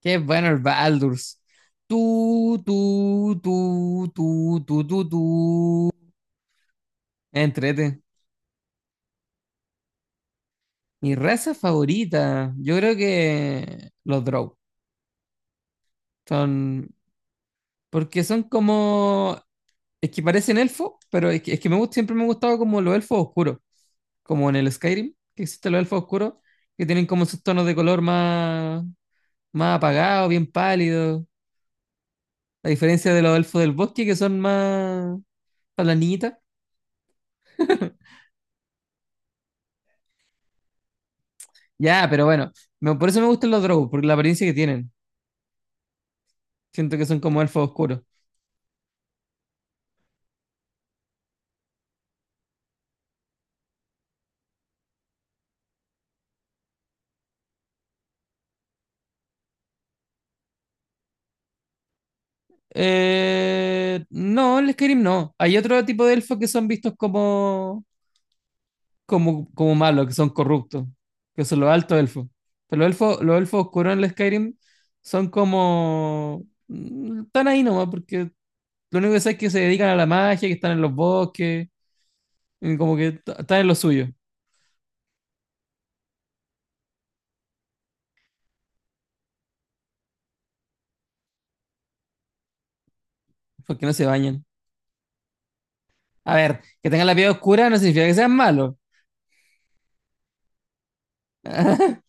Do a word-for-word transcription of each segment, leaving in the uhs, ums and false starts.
Qué bueno el Baldur's. Tú, tú, tú, tú, tú, tú, tú. Entrete. Mi raza favorita, yo creo que los Drow. Son, porque son como, es que parecen elfos, pero es que, es que me gusta, siempre me ha gustado como los elfos oscuros, como en el Skyrim, que existen los elfos oscuros, que tienen como sus tonos de color más, más apagados, bien pálidos. A diferencia de los elfos del bosque, que son más palanitas. Ya, pero bueno, me- por eso me gustan los Drow, porque la apariencia que tienen. Siento que son como elfos oscuros. Eh, no, el Skyrim no. Hay otro tipo de elfos que son vistos como, como, como malos, que son corruptos, que son los altos elfos. Pero los elfos, los elfos oscuros en el Skyrim son como... mm, están ahí nomás, porque lo único que sé es que se dedican a la magia, que están en los bosques, y como que t- están en lo suyo, porque no se bañan. A ver, que tengan la piel oscura no significa que sean malos.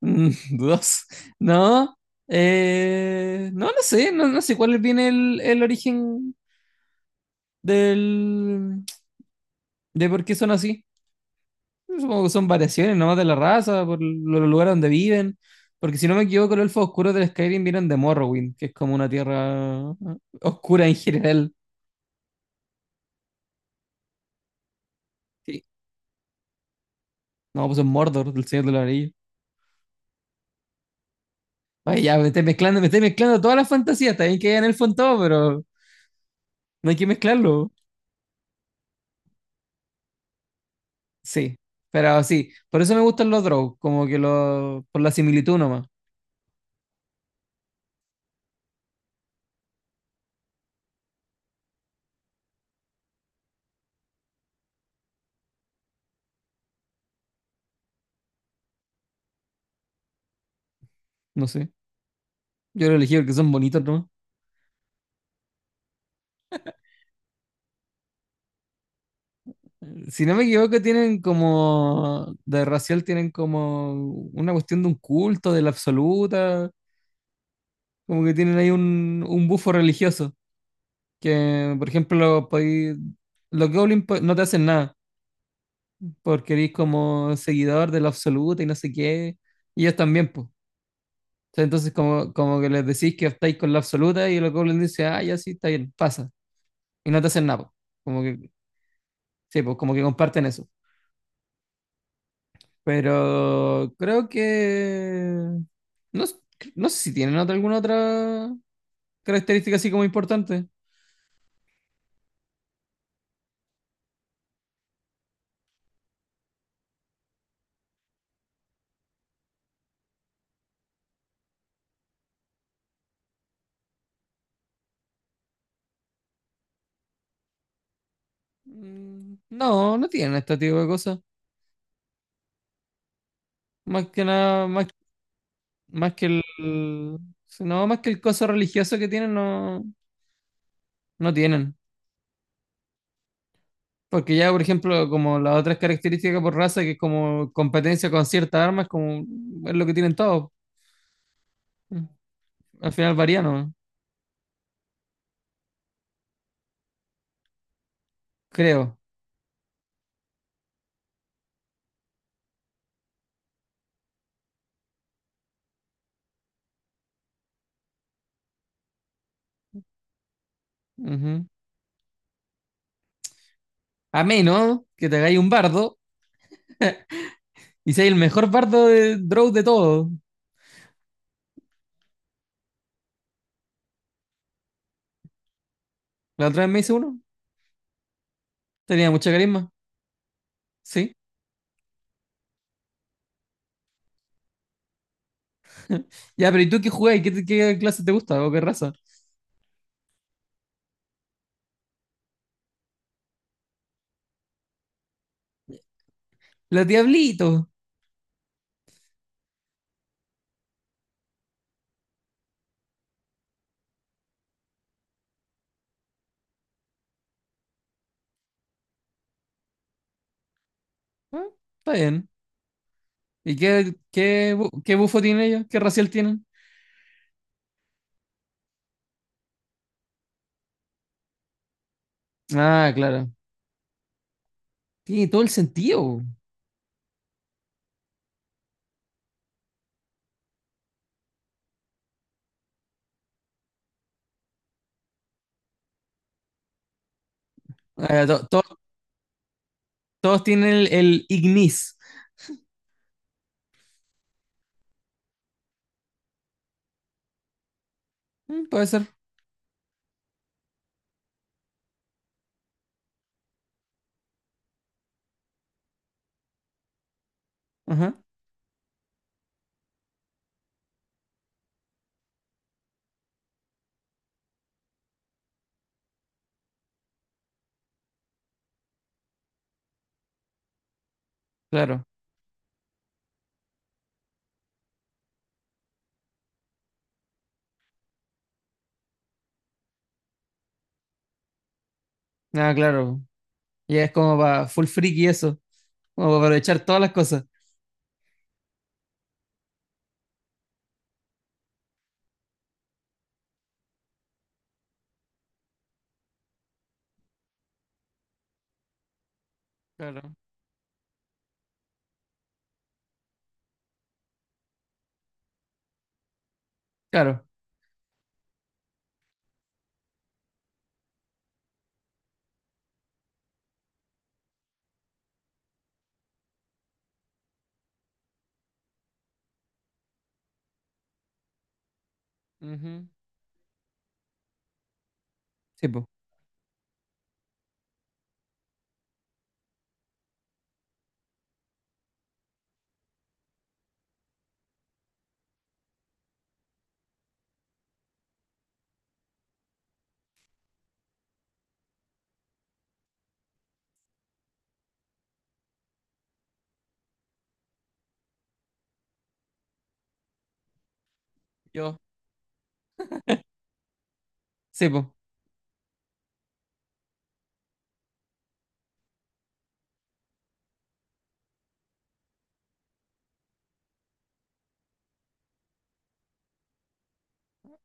Mm, dudoso. No, eh, no, no sé, no, no sé cuál viene el, el origen del, de por qué son así. Supongo que son variaciones nomás de la raza, por lo- los lugares donde viven. Porque si no me equivoco, los elfos oscuros del Skyrim vienen de Morrowind, que es como una tierra eh, oscura en general. Sí. No, pues es Mordor, del Señor de los Anillos. Ay, ya, me estoy mezclando, me estoy mezclando todas las fantasías. Está bien que hayan elfos en todo, pero no hay que mezclarlo. Sí, pero sí, por eso me gustan los draws, como que los, por la similitud nomás, no sé. Yo lo elegí porque son bonitos nomás. Si no me equivoco, tienen como, de racial tienen como una cuestión de un culto, de la absoluta, como que tienen ahí un, un bufo religioso, que por ejemplo, podéis- los goblins po- no te hacen nada, porque eres como seguidor de la absoluta y no sé qué, y ellos también, pues. Entonces, como, como que les decís que estáis con la absoluta y los goblins dicen, ah, ya sí, está bien, pasa. Y no te hacen nada, po. Como que sí, pues como que comparten eso. Pero creo que... no, s- no sé si tienen otra, alguna otra característica así como importante. Mm, No, no tienen este tipo de cosas. Más que nada, más, más que el... no, más que el coso religioso que tienen, no, no tienen. Porque ya, por ejemplo, como las otras características por raza, que es como competencia con ciertas armas, como es lo que tienen todos. Mm. Al final varía, ¿no? Creo. Ujú. A menos que te hagáis un bardo y seas el mejor bardo de Drow de todos. La otra vez me hice uno. Tenía mucha carisma. Sí. Ya, pero ¿y tú qué jugáis? ¿Qué, te- qué clase te gusta o qué raza? Los diablitos. Ah, está bien. ¿Y qué, qué, bu- qué bufo tienen ellos? ¿Qué racial tienen? Ah, claro. Tiene todo el sentido. Eh, to- todo todos tienen el, el Ignis. Mm, puede ser. Ajá, claro. Ah, claro. Ya es como para full freak y eso. Como para aprovechar todas las cosas. Claro. Claro. Ujú. Sí, po. Yo. Sí, po.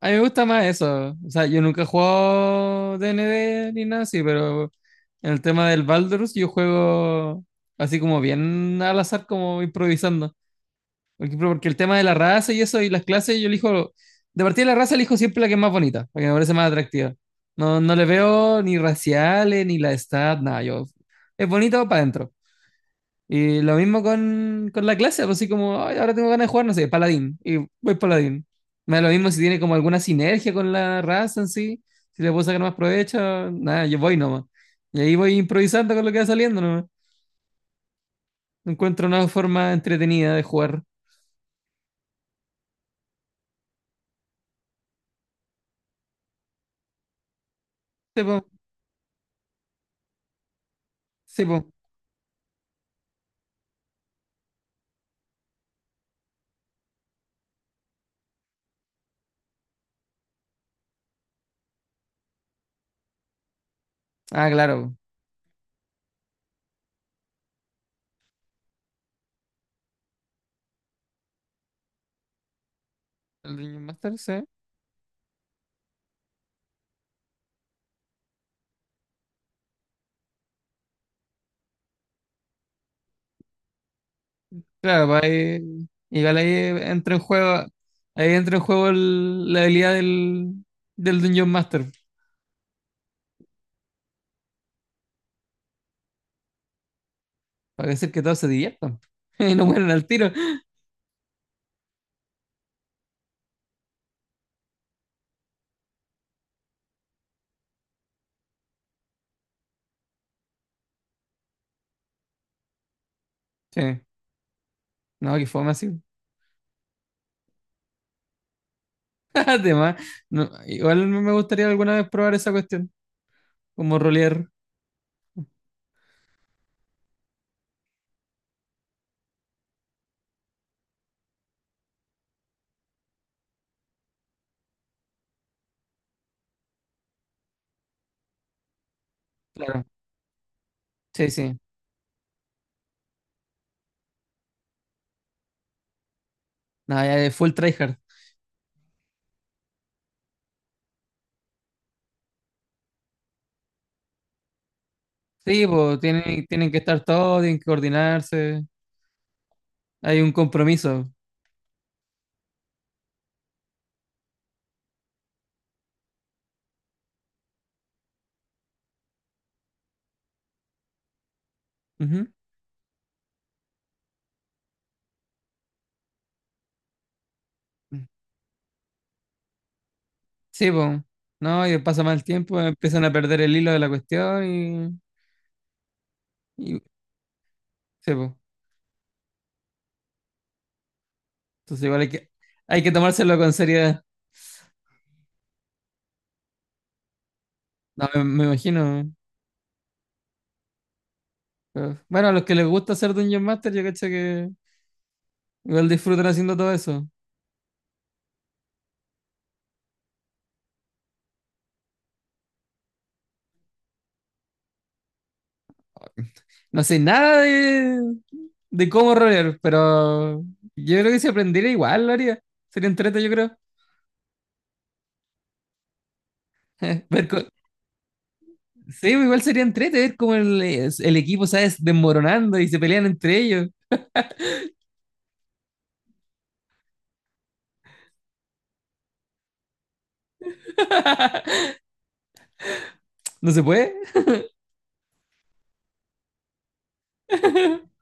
A mí me gusta más eso. O sea, yo nunca he jugado D N D ni nada así, pero en el tema del Baldur's yo juego así como bien al azar, como improvisando. Porque, porque el tema de la raza y eso y las clases, yo elijo, de partida de la raza elijo siempre la que es más bonita, la que me parece más atractiva. No, no le veo ni raciales, ni la edad, nada, yo, es bonito para adentro. Y lo mismo con, con la clase, pues así como, "Ay, ahora tengo ganas de jugar, no sé, paladín, y voy paladín. Me da lo mismo si tiene como alguna sinergia con la raza en sí, si le puedo sacar más provecho, nada, yo voy nomás. Y ahí voy improvisando con lo que va saliendo nomás. Encuentro una forma entretenida de jugar. Sí, po, sí, po. Ah, claro. El Dungeon Master, sí. Claro, pues ahí, igual ahí entra en juego, ahí entra en juego el- la habilidad del, del Dungeon Master, para hacer que todos se diviertan y no mueran al tiro. Sí, no, que fome así. Además, no, igual me gustaría alguna vez probar esa cuestión, como rolear. Claro, sí, sí. No, ya es full tryhard. Sí, pues tienen, tienen que estar todos, tienen que coordinarse, hay un compromiso. Ujú. Sí, pues. No, y pasa mal tiempo, empiezan a perder el hilo de la cuestión y, y- sí, pues. Entonces igual hay que, hay que tomárselo con seriedad. No, me, me imagino. Pero bueno, a los que les gusta hacer Dungeon Master, yo cacho que igual disfrutan haciendo todo eso. No sé nada de, de cómo rolear, pero yo creo que si aprendiera igual lo haría. Sería entrete, yo creo. Ver co- sí, pues igual sería entrete ver cómo el, el equipo, ¿sabes? Desmoronando y se pelean entre ellos. ¿No se puede?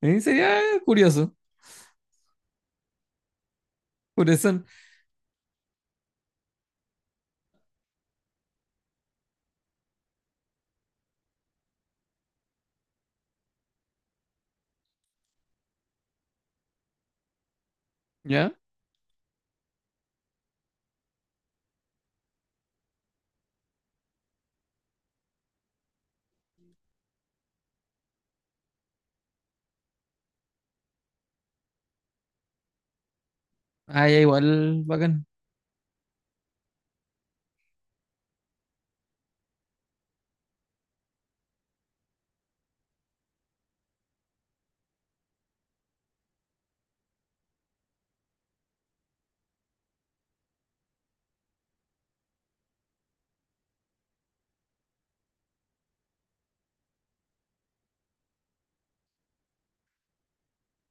Eh, sería curioso, curioso, ¿ya? Ah, ya, igual, bacán,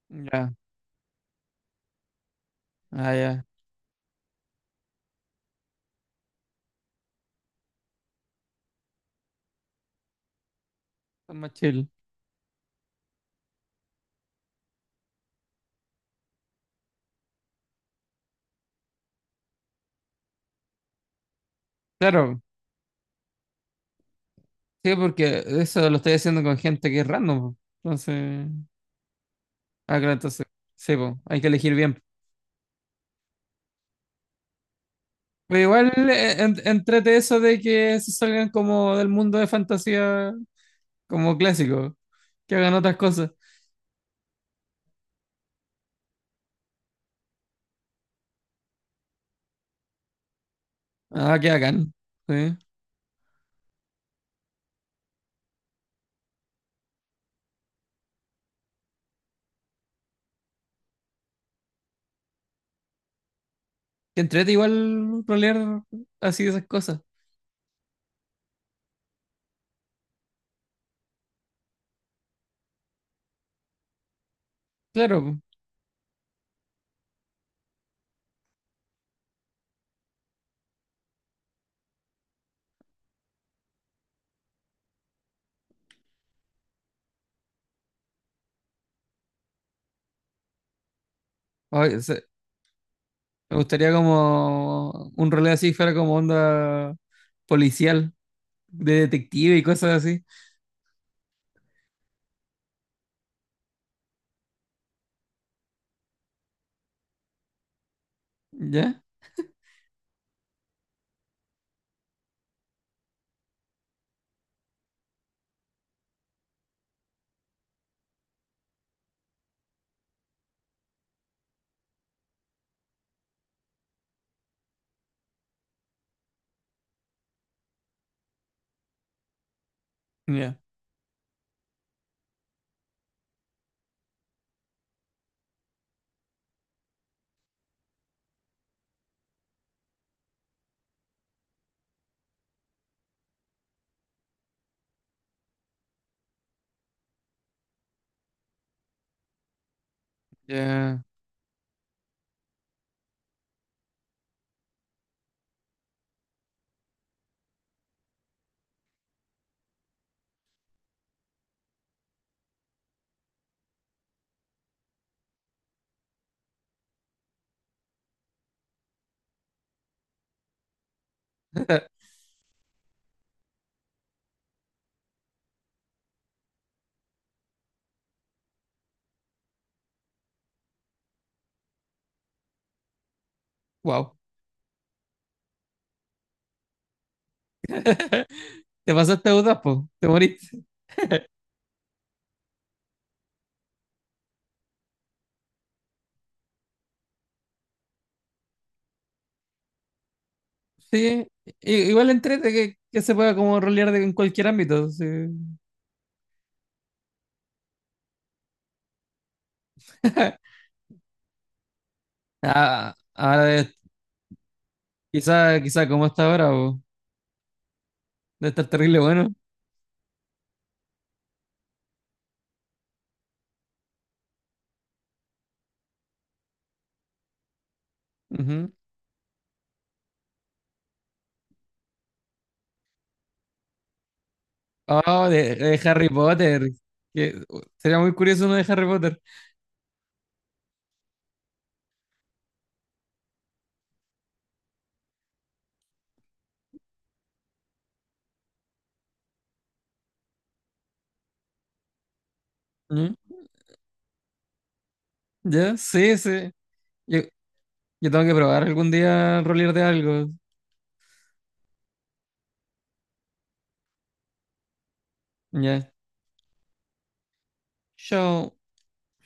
ya, ah, ya, está más chill. Claro, sí, porque eso lo estoy haciendo con gente que es random, po. Entonces, ah, claro, entonces, sí, po, hay que elegir bien. Pero igual, eh, en- entrete eso de que se salgan como del mundo de fantasía, como clásico, que hagan otras cosas, ah, que hagan, sí. Que entrete igual rolear así esas cosas, claro, po. Ay, se- Me gustaría como un rol así fuera como onda policial, de detective y cosas así. ¿Ya? Ya. Ya. Wow. Te pasaste a po. Te moriste. Sí. I- Igual entrete que, que se pueda como rolear de- en cualquier ámbito, sí. Ah, ahora de- quizá, quizá como está ahora, po. De estar terrible bueno. Ujú. Oh, de, de Harry Potter. Que, uh, sería muy curioso uno de Harry Potter. Ujú. Ya, sí, sí. Yo- Yo tengo que probar algún día rolear de algo. Ya. Yo,